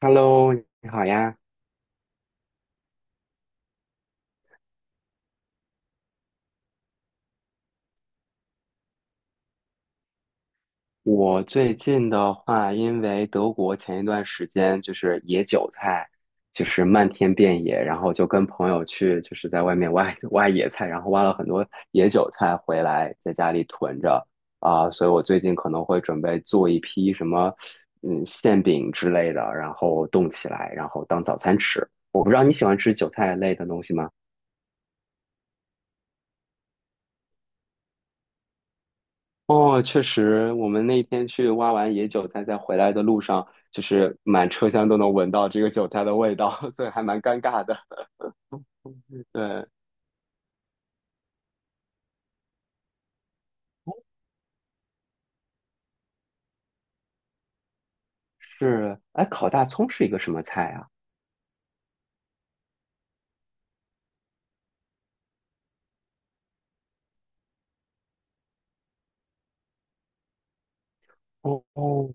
Hello，你好呀。我最近的话，因为德国前一段时间就是野韭菜，就是漫天遍野，然后就跟朋友去，就是在外面挖挖野菜，然后挖了很多野韭菜回来，在家里囤着啊，所以我最近可能会准备做一批什么，馅饼之类的，然后冻起来，然后当早餐吃。我不知道你喜欢吃韭菜类的东西吗？哦，确实，我们那天去挖完野韭菜，在回来的路上，就是满车厢都能闻到这个韭菜的味道，所以还蛮尴尬的。对，是，哎，烤大葱是一个什么菜啊？哦哦，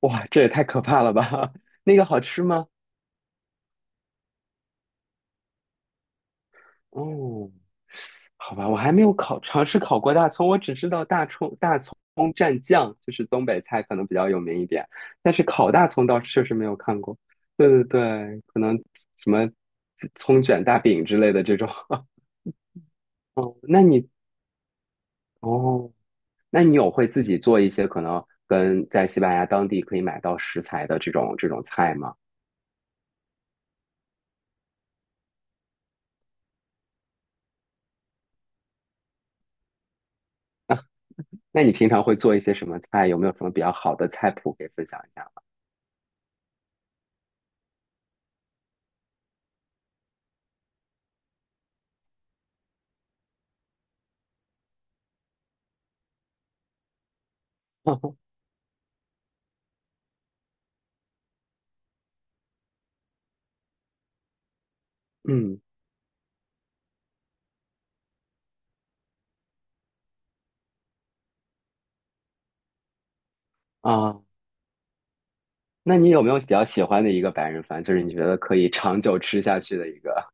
哇，这也太可怕了吧！那个好吃吗？哦，好吧，我还没有尝试烤过大葱，我只知道大葱蘸酱，就是东北菜可能比较有名一点，但是烤大葱倒是确实没有看过。对对对，可能什么葱卷大饼之类的这种。哦，哦，那你有会自己做一些可能跟在西班牙当地可以买到食材的这种菜吗？那你平常会做一些什么菜？有没有什么比较好的菜谱可以分享一下吗？嗯啊。那你有没有比较喜欢的一个白人饭，就是你觉得可以长久吃下去的一个？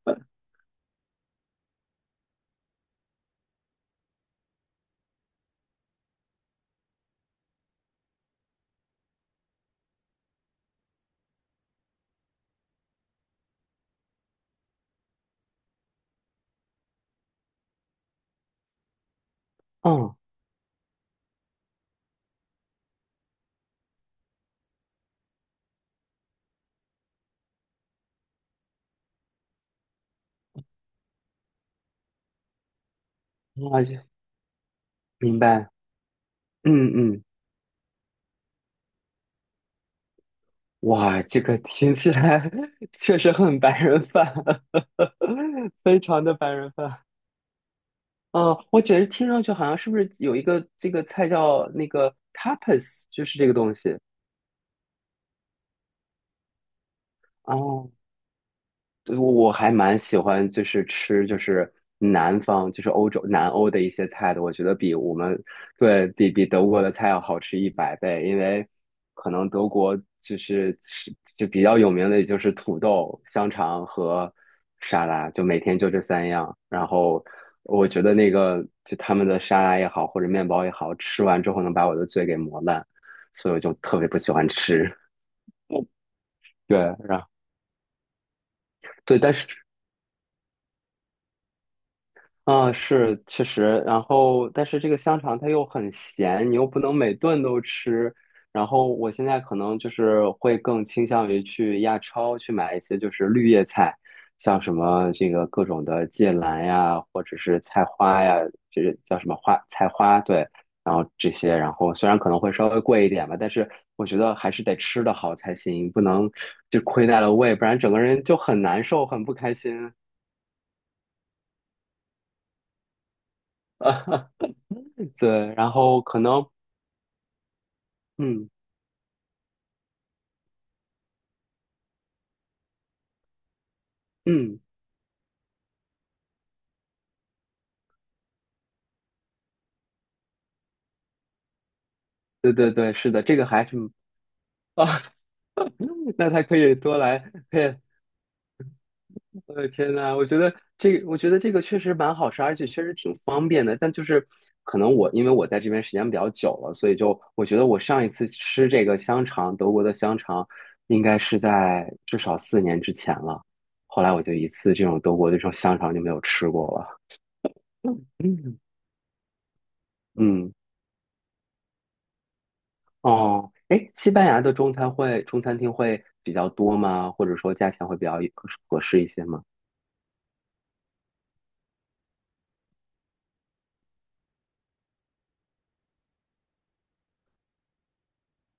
嗯，我就明白。嗯嗯，哇，这个听起来 确实很白人饭，非常的白人饭。哦，我觉得听上去好像是不是有一个这个菜叫那个 tapas，就是这个东西。哦，对，我还蛮喜欢，就是吃，就是南方，就是欧洲南欧的一些菜的。我觉得比我们对比比德国的菜要好吃100倍，因为可能德国就是吃就比较有名的，也就是土豆、香肠和沙拉，就每天就这三样。然后我觉得那个就他们的沙拉也好，或者面包也好，吃完之后能把我的嘴给磨烂，所以我就特别不喜欢吃。对，然后对，但是。嗯，是，确实，然后但是这个香肠它又很咸，你又不能每顿都吃。然后我现在可能就是会更倾向于去亚超去买一些就是绿叶菜，像什么这个各种的芥蓝呀，或者是菜花呀，这个叫什么花菜花，对，然后这些，然后虽然可能会稍微贵一点吧，但是我觉得还是得吃得好才行，不能就亏待了胃，不然整个人就很难受，很不开心。对，然后可能嗯嗯，对对对，是的，这个还是啊，那他可以多来，配。我的天呐，我觉得这个确实蛮好吃，而且确实挺方便的。但就是可能我因为我在这边时间比较久了，所以就我觉得我上一次吃这个香肠，德国的香肠，应该是在至少4年之前了。后来我就一次这种德国的这种香肠就没有吃过了。嗯嗯。哦，哎，西班牙的中餐厅会比较多吗？或者说价钱会比较合适一些吗？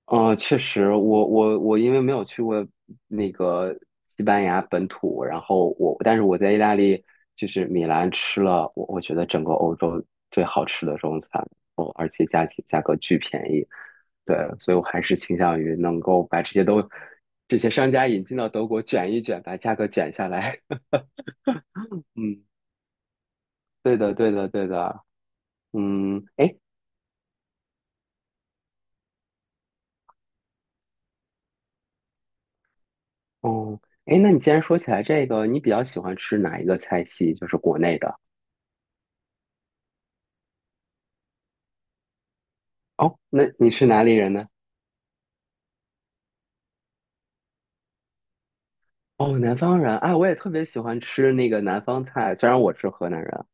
哦，确实，我因为没有去过那个西班牙本土，然后我但是我在意大利就是米兰吃了，我觉得整个欧洲最好吃的中餐，哦，而且价格巨便宜，对，所以我还是倾向于能够把这些商家引进到德国卷一卷，把价格卷下来。嗯，对的，对的，对的。嗯，哎，哦，哎，那你既然说起来这个，你比较喜欢吃哪一个菜系？就是国内的。哦，那你是哪里人呢？哦，南方人，哎，我也特别喜欢吃那个南方菜，虽然我是河南人，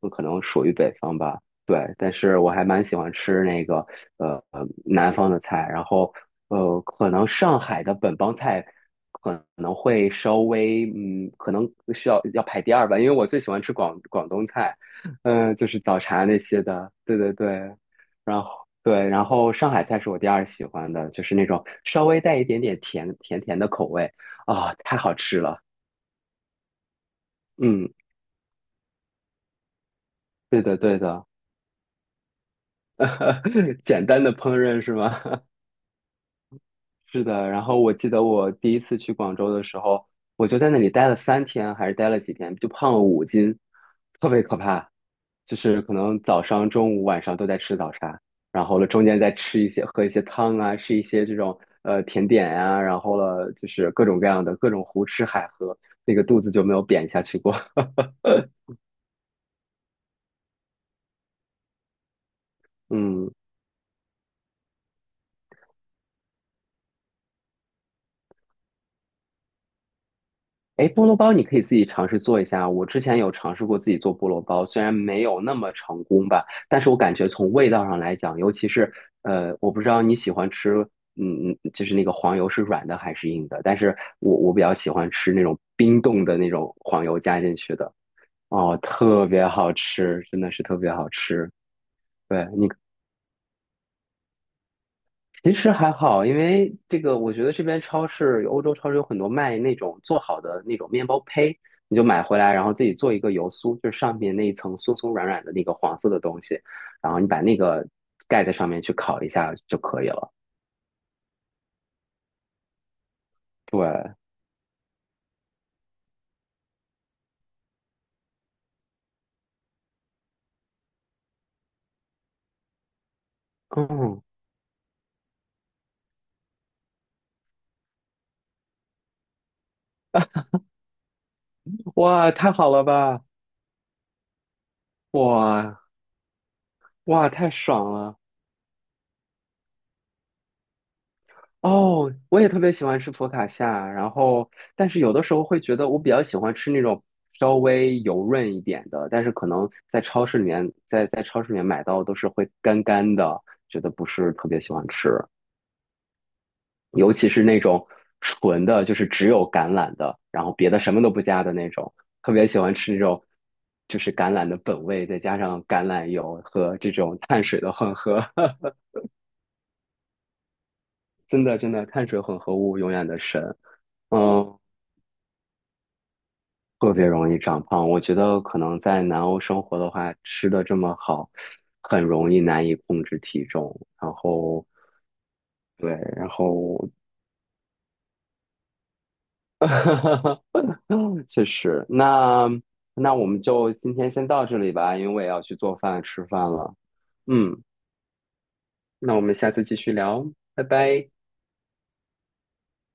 我可能属于北方吧，对，但是我还蛮喜欢吃那个南方的菜，然后可能上海的本帮菜可能会稍微可能要排第二吧，因为我最喜欢吃广东菜，嗯，就是早茶那些的，对对对，然后。对，然后上海菜是我第二喜欢的，就是那种稍微带一点点甜的口味。啊，太好吃了。嗯，对的，对的。简单的烹饪是吗？是的。然后我记得我第一次去广州的时候，我就在那里待了3天，还是待了几天，就胖了5斤，特别可怕。就是可能早上、中午、晚上都在吃早茶，然后了中间再吃一些、喝一些汤啊，吃一些这种甜点呀、然后了就是各种各样的胡吃海喝，那个肚子就没有扁下去过。嗯。哎，菠萝包你可以自己尝试做一下。我之前有尝试过自己做菠萝包，虽然没有那么成功吧，但是我感觉从味道上来讲，尤其是我不知道你喜欢吃，就是那个黄油是软的还是硬的，但是我比较喜欢吃那种冰冻的那种黄油加进去的，哦，特别好吃，真的是特别好吃。对，其实还好，因为这个，我觉得这边超市，欧洲超市有很多卖那种做好的那种面包胚，你就买回来，然后自己做一个油酥，就是上面那一层酥酥软软的那个黄色的东西，然后你把那个盖在上面去烤一下就可以了。对，嗯，哇，太好了吧，哇哇，太爽了。哦，我也特别喜欢吃佛卡夏，然后但是有的时候会觉得我比较喜欢吃那种稍微油润一点的，但是可能在超市里面，在超市里面买到都是会干干的，觉得不是特别喜欢吃，尤其是那种纯的，就是只有橄榄的，然后别的什么都不加的那种，特别喜欢吃那种就是橄榄的本味，再加上橄榄油和这种碳水的混合，真的碳水混合物永远的神。嗯，特别容易长胖。我觉得可能在南欧生活的话，吃的这么好，很容易难以控制体重。然后，对，然后，确实，那我们就今天先到这里吧，因为我也要去做饭吃饭了。嗯，那我们下次继续聊，拜拜。